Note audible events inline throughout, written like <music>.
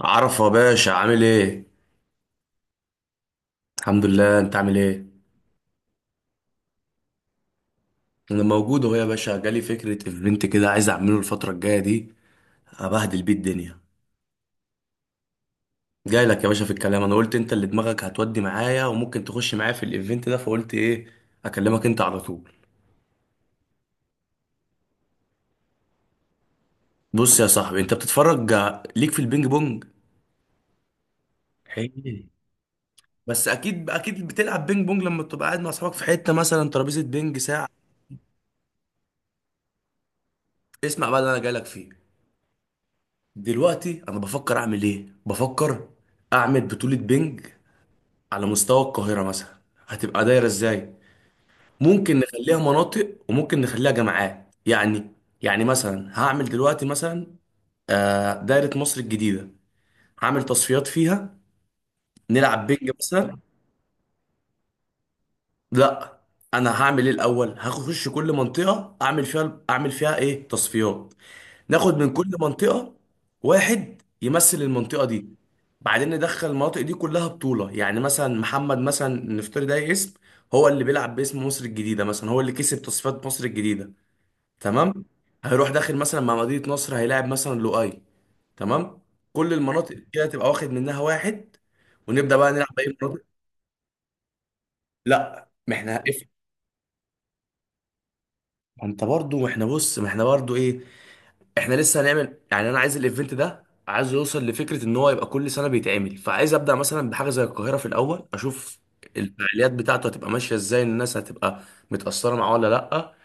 عرفة يا باشا عامل ايه؟ الحمد لله، انت عامل ايه؟ انا موجود اهو يا باشا. جالي فكرة ايفنت كده عايز اعمله الفترة الجاية دي، ابهدل بيه الدنيا. جاي لك يا باشا في الكلام، انا قلت انت اللي دماغك هتودي معايا وممكن تخش معايا في الايفنت ده، فقلت ايه اكلمك انت على طول. بص يا صاحبي، انت بتتفرج ليك في البينج بونج حقيقي؟ بس اكيد اكيد بتلعب بينج بونج لما بتبقى قاعد مع اصحابك في حتة مثلا ترابيزة بينج ساعة. اسمع بقى اللي انا جاي لك فيه. دلوقتي انا بفكر اعمل ايه؟ بفكر اعمل بطولة بينج على مستوى القاهرة مثلا. هتبقى دايرة ازاي؟ ممكن نخليها مناطق وممكن نخليها جامعات يعني. يعني مثلا هعمل دلوقتي مثلا دايرة مصر الجديدة، هعمل تصفيات فيها، نلعب بينج مثلا. لا، انا هعمل ايه الاول؟ هخش كل منطقة اعمل فيها ايه تصفيات، ناخد من كل منطقة واحد يمثل المنطقة دي. بعدين ندخل المناطق دي كلها بطولة. يعني مثلا محمد مثلا، نفترض ده اسم، هو اللي بيلعب باسم مصر الجديدة مثلا، هو اللي كسب تصفيات مصر الجديدة، تمام. هيروح داخل مثلا مع مدينة نصر، هيلاعب مثلا لؤي، تمام. كل المناطق كده تبقى واخد منها واحد، ونبدأ بقى نلعب بأي مناطق. لا، ما احنا هقف. ما انت برضو، ما احنا برضو ايه، احنا لسه هنعمل يعني. انا عايز الايفنت ده عايز يوصل لفكره ان هو يبقى كل سنه بيتعمل، فعايز ابدا مثلا بحاجه زي القاهره في الاول، اشوف الفعاليات بتاعته هتبقى ماشيه ازاي، الناس هتبقى متاثره معاه ولا لا.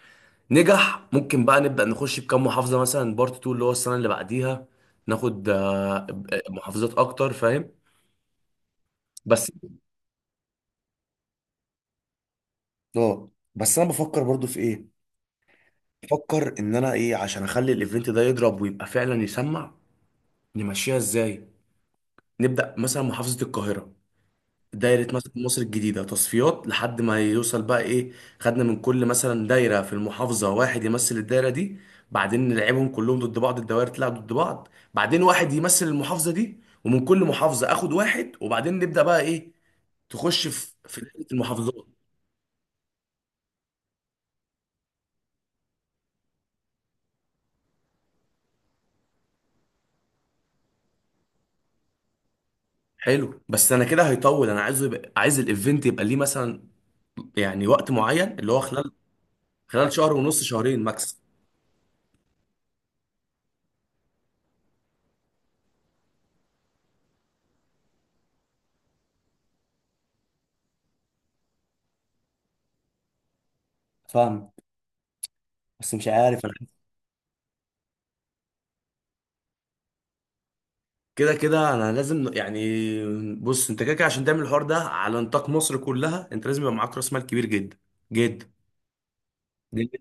نجح، ممكن بقى نبدا نخش بكام محافظه مثلا بارت 2 اللي هو السنه اللي بعديها، ناخد محافظات اكتر فاهم بس. اه، بس انا بفكر برضو في ايه، بفكر ان انا ايه عشان اخلي الايفنت ده يضرب ويبقى فعلا يسمع، نمشيها ازاي. نبدا مثلا محافظه القاهره، دايرة مثلا مصر الجديدة تصفيات لحد ما يوصل بقى ايه، خدنا من كل مثلا دايرة في المحافظة واحد يمثل الدايرة دي. بعدين نلعبهم كلهم ضد بعض، الدوائر تلعب ضد بعض، بعدين واحد يمثل المحافظة دي، ومن كل محافظة اخد واحد، وبعدين نبدأ بقى ايه، تخش في دايرة المحافظات. حلو. بس انا كده هيطول. انا عايزه يبقى، عايز الايفنت يبقى ليه مثلا يعني وقت معين اللي هو خلال شهر ونص، شهرين ماكس. فاهم؟ بس مش عارف انا. كده كده انا لازم يعني، بص، انت كده كده عشان تعمل الحوار ده على نطاق مصر كلها انت لازم يبقى معاك راس مال كبير جدا جدا جدا.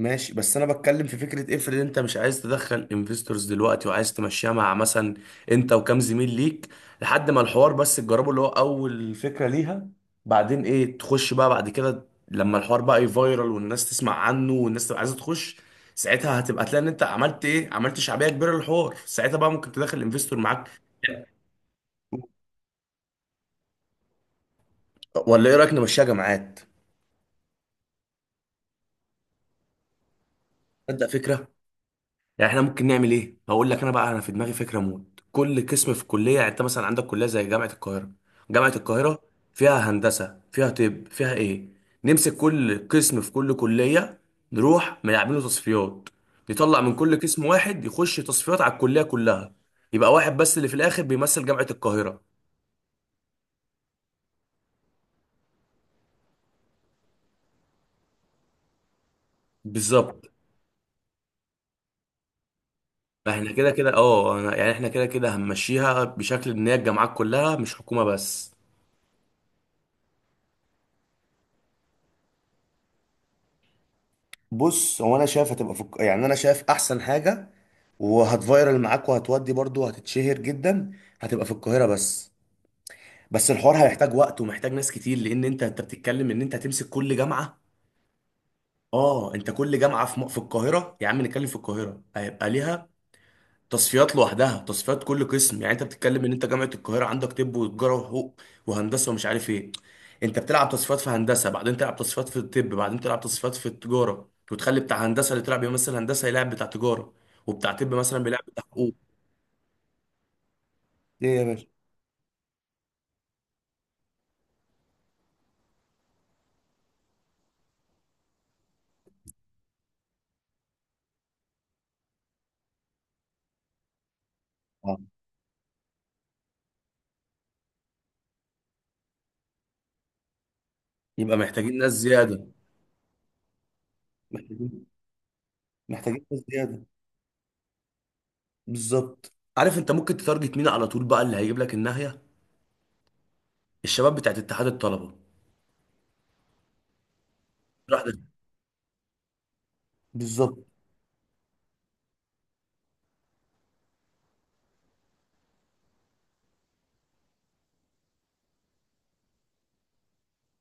ماشي. بس انا بتكلم في فكره، افرض انت مش عايز تدخل انفستورز دلوقتي وعايز تمشيها مع مثلا انت وكام زميل ليك، لحد ما الحوار بس تجربه اللي هو اول فكره ليها. بعدين ايه، تخش بقى بعد كده لما الحوار بقى يفايرال والناس تسمع عنه والناس تبقى عايزه تخش، ساعتها هتبقى تلاقي ان انت عملت ايه، عملت شعبيه كبيره للحوار. ساعتها بقى ممكن تدخل انفستور معاك. ولا ايه رايك نمشيها جامعات؟ تصدق فكره. يعني احنا ممكن نعمل ايه، هقول لك انا بقى. انا في دماغي فكره موت، كل قسم في الكليه يعني. انت مثلا عندك كليه زي جامعه القاهره، جامعه القاهره فيها هندسه فيها طب فيها ايه، نمسك كل قسم في كل كليه، نروح نعمله تصفيات، نطلع من كل قسم واحد يخش تصفيات على الكليه كلها، يبقى واحد بس اللي في الاخر بيمثل جامعه القاهره. بالظبط. احنا كده كده اه يعني احنا كده كده هنمشيها بشكل ان هي الجامعات كلها مش حكومه بس. بص، هو انا شايف هتبقى يعني انا شايف احسن حاجه، وهتفايرل معاك وهتودي برضو هتتشهر جدا، هتبقى في القاهره بس. بس الحوار هيحتاج وقت ومحتاج ناس كتير، لان انت بتتكلم ان انت هتمسك كل جامعه. اه، انت كل جامعه في في القاهره، يا عم نتكلم في القاهره، هيبقى ليها تصفيات لوحدها، تصفيات كل قسم. يعني انت بتتكلم ان انت جامعه القاهره عندك طب وتجاره وحقوق وهندسه ومش عارف ايه. انت بتلعب تصفيات في هندسه، بعدين تلعب تصفيات في الطب، بعدين تلعب تصفيات في التجاره، وتخلي بتاع هندسه اللي طلع بيمثل هندسه يلعب بتاع تجاره، وبتاع طب مثلا بيلعب بتاع حقوق. ايه يا باشا؟ اه. يبقى محتاجين ناس زياده. محتاجين محتاجين ناس زياده. بالظبط. عارف انت ممكن تتارجت مين على طول بقى اللي هيجيب لك الناهيه؟ الشباب بتاعت اتحاد الطلبه. راح ده. بالظبط.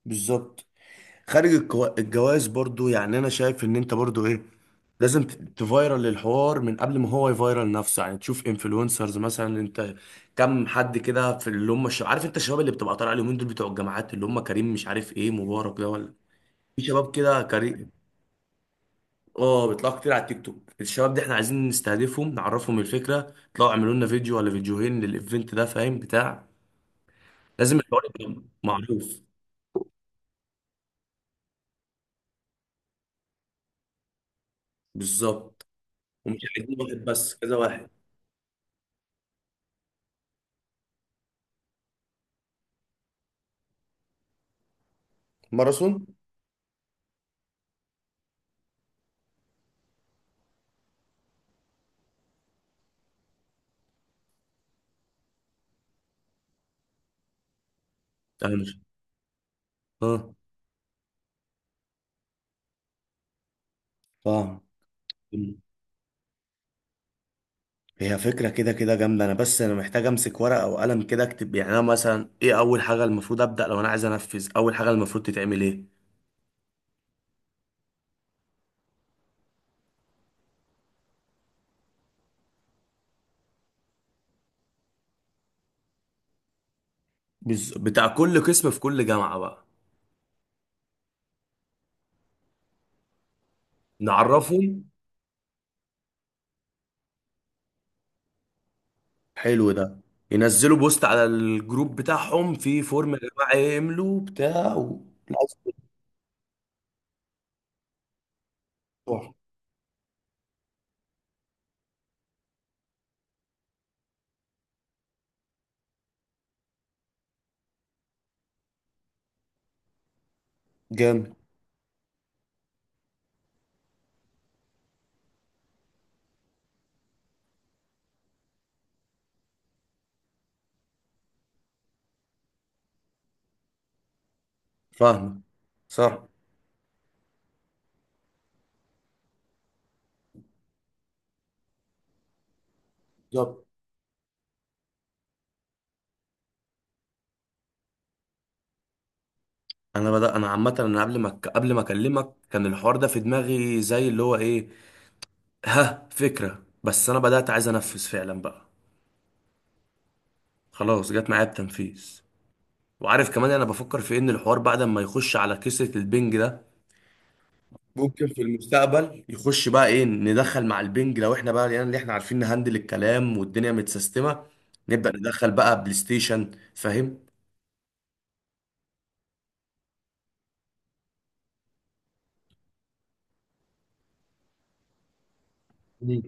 بالظبط. خارج الجواز برضو، يعني انا شايف ان انت برضو ايه لازم تفايرل الحوار من قبل ما هو يفايرل نفسه. يعني تشوف انفلونسرز مثلا، انت كم حد كده في اللي هم عارف انت الشباب اللي بتبقى طالع اليومين دول بتوع الجامعات، اللي هم كريم مش عارف ايه مبارك ده ولا، في شباب كده كريم. اه، بيطلعوا كتير على التيك توك، الشباب دي احنا عايزين نستهدفهم، نعرفهم الفكره، يطلعوا يعملوا لنا فيديو ولا فيديوهين للايفنت ده، فاهم بتاع، لازم الحوار يبقى معروف. بالظبط. ومش عايزين واحد بس، كذا واحد. ماراثون. اه فاهم. هي فكرة كده كده جامدة، أنا بس أنا محتاج أمسك ورقة وقلم كده أكتب يعني. أنا مثلا إيه أول حاجة المفروض أبدأ لو أنا عايز أنفذ؟ أول حاجة المفروض تتعمل إيه؟ بتاع كل قسم في كل جامعة بقى. نعرفهم. حلو ده. ينزلوا بوست على الجروب بتاعهم في فورم يا جماعة يملوا بتاع و... صح. جامد. فاهم. صح. بالظبط. انا بدأ انا عامه، انا قبل ما اكلمك كان الحوار ده في دماغي زي اللي هو ايه، ها فكرة. بس أنا بدأت عايز أنفذ فعلا بقى، خلاص جت معايا بتنفيذ. وعارف كمان أنا بفكر في إن الحوار بعد ما يخش على كسرة البنج ده ممكن في المستقبل يخش بقى إيه، ندخل مع البنج لو إحنا بقى يعني اللي إحنا عارفين نهندل الكلام والدنيا متسيستمة، نبدأ ندخل بقى بلاي ستيشن فاهم. مم.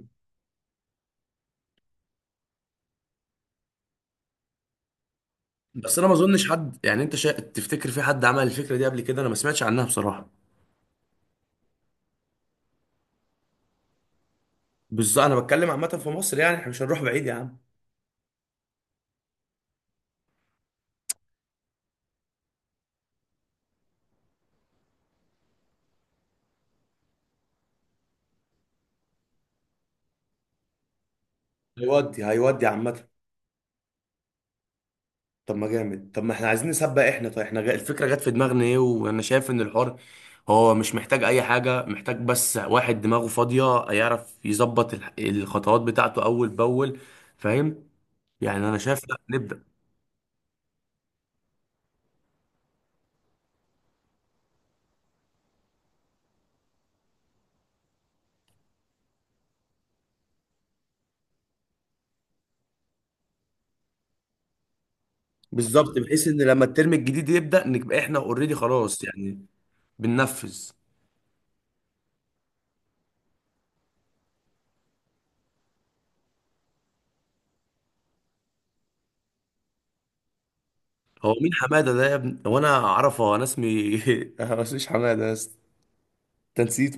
بس أنا ما أظنش حد يعني، أنت تفتكر في حد عمل الفكرة دي قبل كده؟ أنا ما سمعتش عنها بصراحة. بالظبط. أنا بتكلم عامة في مصر، يعني إحنا مش هنروح بعيد يا عم. هيودي عامة. طب ما جامد. طب ما احنا عايزين نسبق احنا. طيب احنا الفكره جت في دماغنا ايه، وانا شايف ان الحوار هو مش محتاج اي حاجه، محتاج بس واحد دماغه فاضيه يعرف يظبط الخطوات بتاعته اول باول فاهم. يعني انا شايف لا نبدا. بالظبط، بحيث ان لما الترم الجديد يبدا نبقى احنا اوريدي خلاص يعني بننفذ. هو مين حماده ده يا ابني؟ هو انا اعرفه؟ هو انا اسمي <laughs> مش حماده؟ بس تنسيت.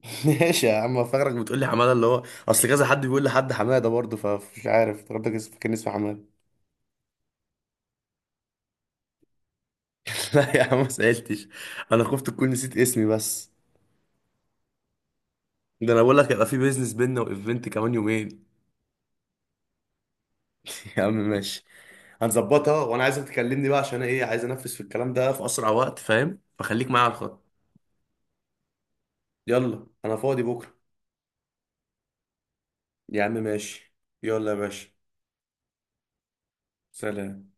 <laughs> ماشي يا عم. فاكرك بتقول لي حماده اللي هو، اصل كذا حد بيقول لحد حماده برضه، فمش عارف افتكرتك كان اسمه حماده. <laughs> لا يا عم ما سالتش، انا خفت تكون نسيت اسمي بس. ده انا بقول لك هيبقى في بيزنس بينا وايفنت كمان يومين. <laughs> يا عم ماشي. هنظبطها، وانا عايزك تكلمني بقى عشان ايه، عايز انفذ في الكلام ده في اسرع وقت فاهم، فخليك معايا على الخط. يلا انا فاضي بكره. يا عم ماشي. يلا يا باشا. سلام.